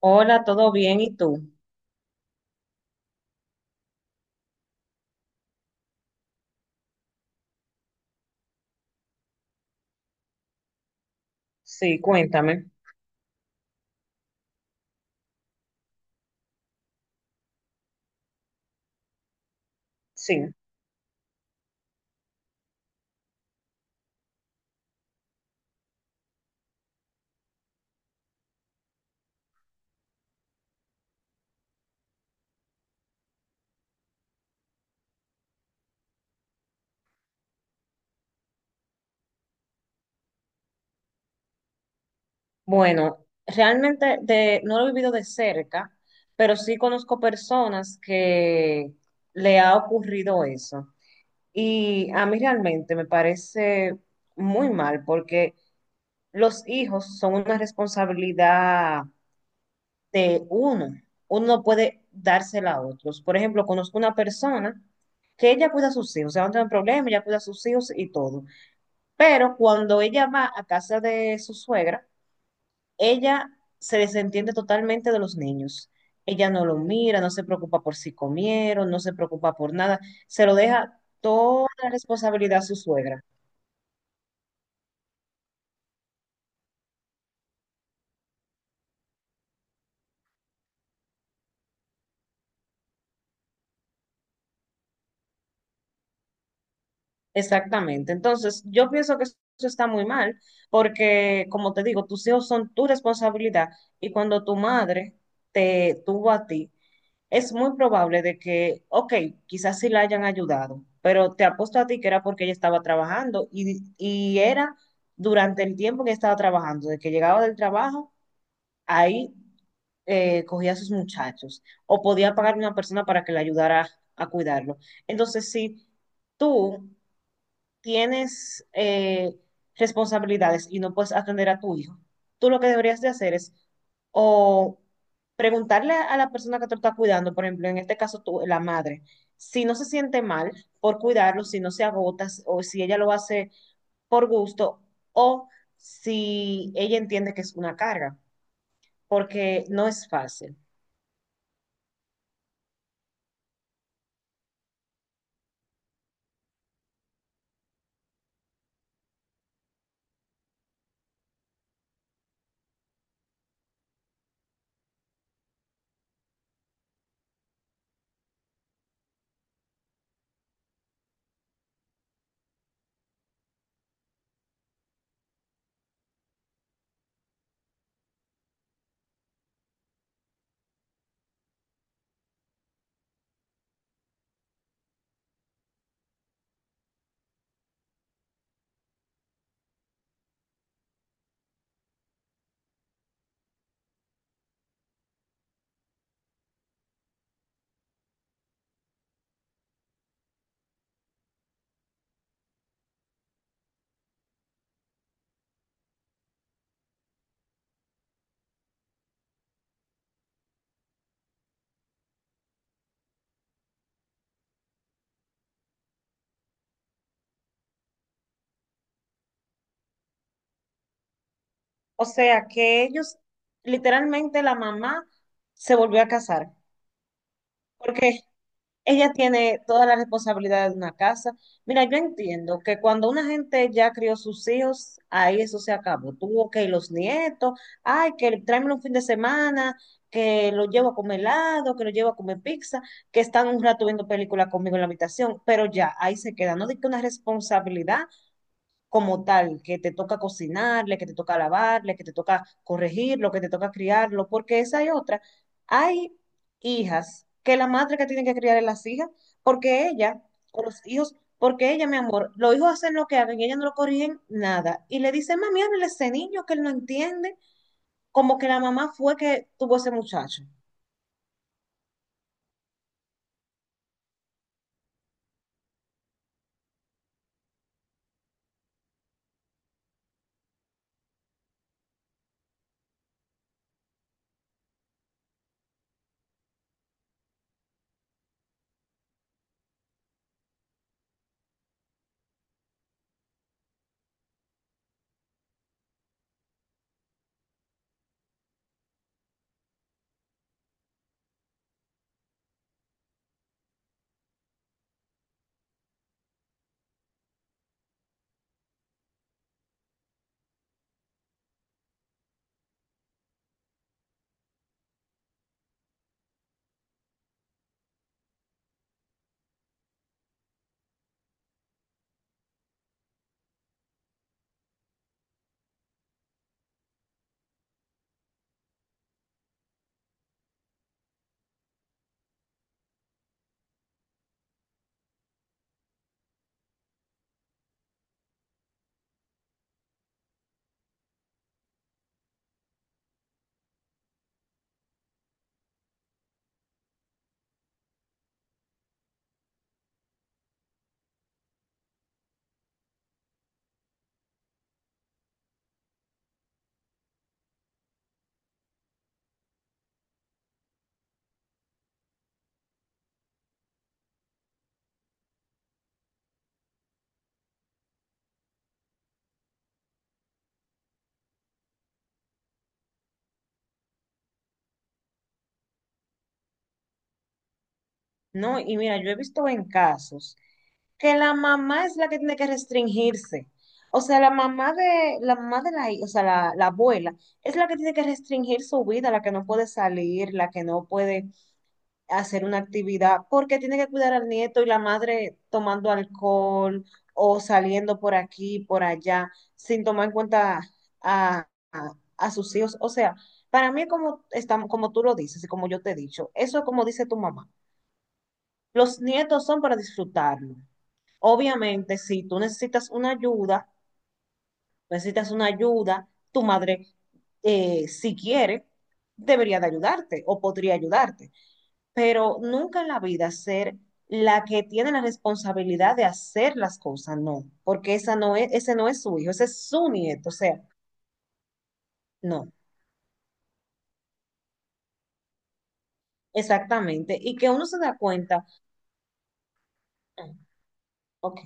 Hola, ¿todo bien? ¿Y tú? Sí, cuéntame. Sí. Bueno, realmente no lo he vivido de cerca, pero sí conozco personas que le ha ocurrido eso. Y a mí realmente me parece muy mal porque los hijos son una responsabilidad de uno. Uno no puede dársela a otros. Por ejemplo, conozco una persona que ella cuida a sus hijos, o sea, no tiene problema, ella cuida a sus hijos y todo. Pero cuando ella va a casa de su suegra, ella se desentiende totalmente de los niños. Ella no lo mira, no se preocupa por si comieron, no se preocupa por nada. Se lo deja toda la responsabilidad a su suegra. Exactamente. Entonces, yo pienso que eso está muy mal, porque como te digo, tus hijos son tu responsabilidad y cuando tu madre te tuvo a ti, es muy probable de que, ok, quizás sí la hayan ayudado, pero te apuesto a ti que era porque ella estaba trabajando y era durante el tiempo que estaba trabajando, de que llegaba del trabajo, ahí cogía a sus muchachos o podía pagar a una persona para que le ayudara a cuidarlo. Entonces, si tú tienes responsabilidades y no puedes atender a tu hijo, tú lo que deberías de hacer es o preguntarle a la persona que te está cuidando, por ejemplo, en este caso tú, la madre, si no se siente mal por cuidarlo, si no se agota o si ella lo hace por gusto o si ella entiende que es una carga, porque no es fácil. O sea que ellos, literalmente la mamá se volvió a casar, porque ella tiene toda la responsabilidad de una casa. Mira, yo entiendo que cuando una gente ya crió sus hijos, ahí eso se acabó. Tuvo que los nietos, ay, que tráeme un fin de semana, que lo llevo a comer helado, que lo llevo a comer pizza, que están un rato viendo películas conmigo en la habitación, pero ya ahí se queda. No digo una responsabilidad como tal, que te toca cocinarle, que te toca lavarle, que te toca corregirlo, que te toca criarlo, porque esa y otra. Hay hijas que la madre que tiene que criar es las hijas, porque ella, o los hijos, porque ella, mi amor, los hijos hacen lo que hagan y ella no lo corrigen nada. Y le dice, mami, háblele a ese niño que él no entiende, como que la mamá fue que tuvo ese muchacho. No, y mira, yo he visto en casos que la mamá es la que tiene que restringirse. O sea, la mamá de o sea, la abuela es la que tiene que restringir su vida, la que no puede salir, la que no puede hacer una actividad, porque tiene que cuidar al nieto y la madre tomando alcohol o saliendo por aquí, por allá, sin tomar en cuenta a, a- a sus hijos. O sea, para mí, como, estamos, como tú lo dices y como yo te he dicho, eso es como dice tu mamá. Los nietos son para disfrutarlo. Obviamente, si tú necesitas una ayuda, tu madre, si quiere, debería de ayudarte o podría ayudarte, pero nunca en la vida ser la que tiene la responsabilidad de hacer las cosas, no, porque esa no es, ese no es su hijo, ese es su nieto, o sea, no, exactamente, y que uno se da cuenta, ah, ok,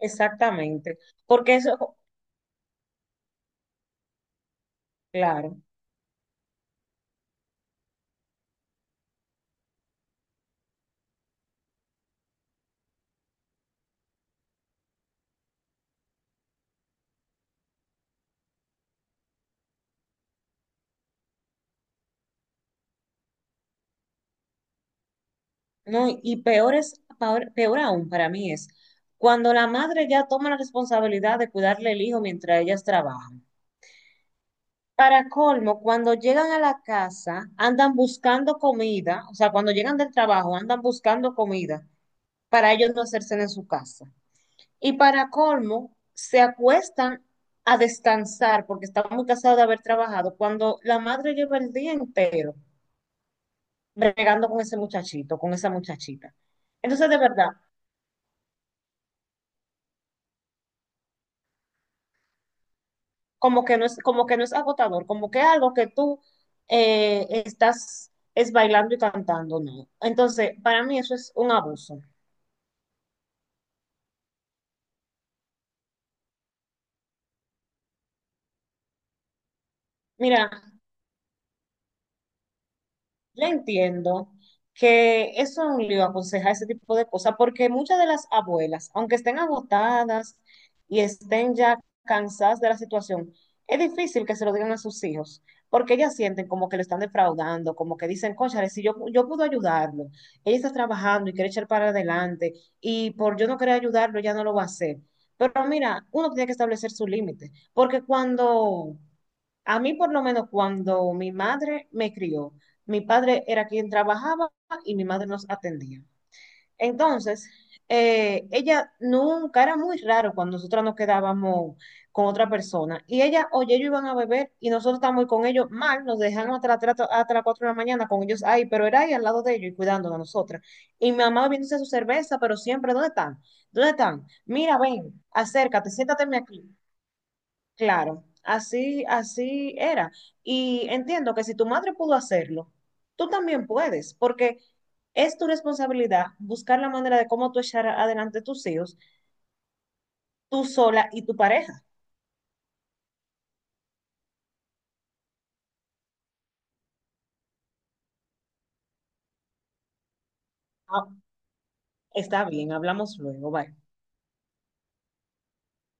exactamente, porque eso, claro, no, y peor es, peor, aún para mí es cuando la madre ya toma la responsabilidad de cuidarle el hijo mientras ellas trabajan. Para colmo, cuando llegan a la casa, andan buscando comida, o sea, cuando llegan del trabajo, andan buscando comida para ellos no hacerse en su casa. Y para colmo, se acuestan a descansar porque están muy cansados de haber trabajado, cuando la madre lleva el día entero bregando con ese muchachito, con esa muchachita. Entonces, de verdad, como que no es, como que no es agotador, como que algo que tú estás es bailando y cantando, no. Entonces, para mí eso es un abuso. Mira, yo entiendo que eso es un lío aconsejar ese tipo de cosas, porque muchas de las abuelas, aunque estén agotadas y estén ya cansadas de la situación, es difícil que se lo digan a sus hijos, porque ellas sienten como que lo están defraudando, como que dicen, cónchale, si yo puedo ayudarlo, ella está trabajando y quiere echar para adelante, y por yo no querer ayudarlo, ya no lo va a hacer. Pero mira, uno tiene que establecer su límite, porque cuando, a mí por lo menos cuando mi madre me crió, mi padre era quien trabajaba y mi madre nos atendía. Entonces, ella nunca, era muy raro cuando nosotras nos quedábamos con otra persona. Y ella, oye, ellos iban a beber y nosotros estábamos con ellos mal, nos dejaron hasta, hasta las 4 de la mañana con ellos ahí, pero era ahí al lado de ellos y cuidándonos a nosotras. Y mi mamá bebiéndose su cerveza, pero siempre, ¿dónde están? ¿Dónde están? Mira, ven, acércate, siéntate aquí. Claro, así, así era. Y entiendo que si tu madre pudo hacerlo, tú también puedes, porque es tu responsabilidad buscar la manera de cómo tú echar adelante tus hijos, tú sola y tu pareja. Ah, está bien, hablamos luego, bye.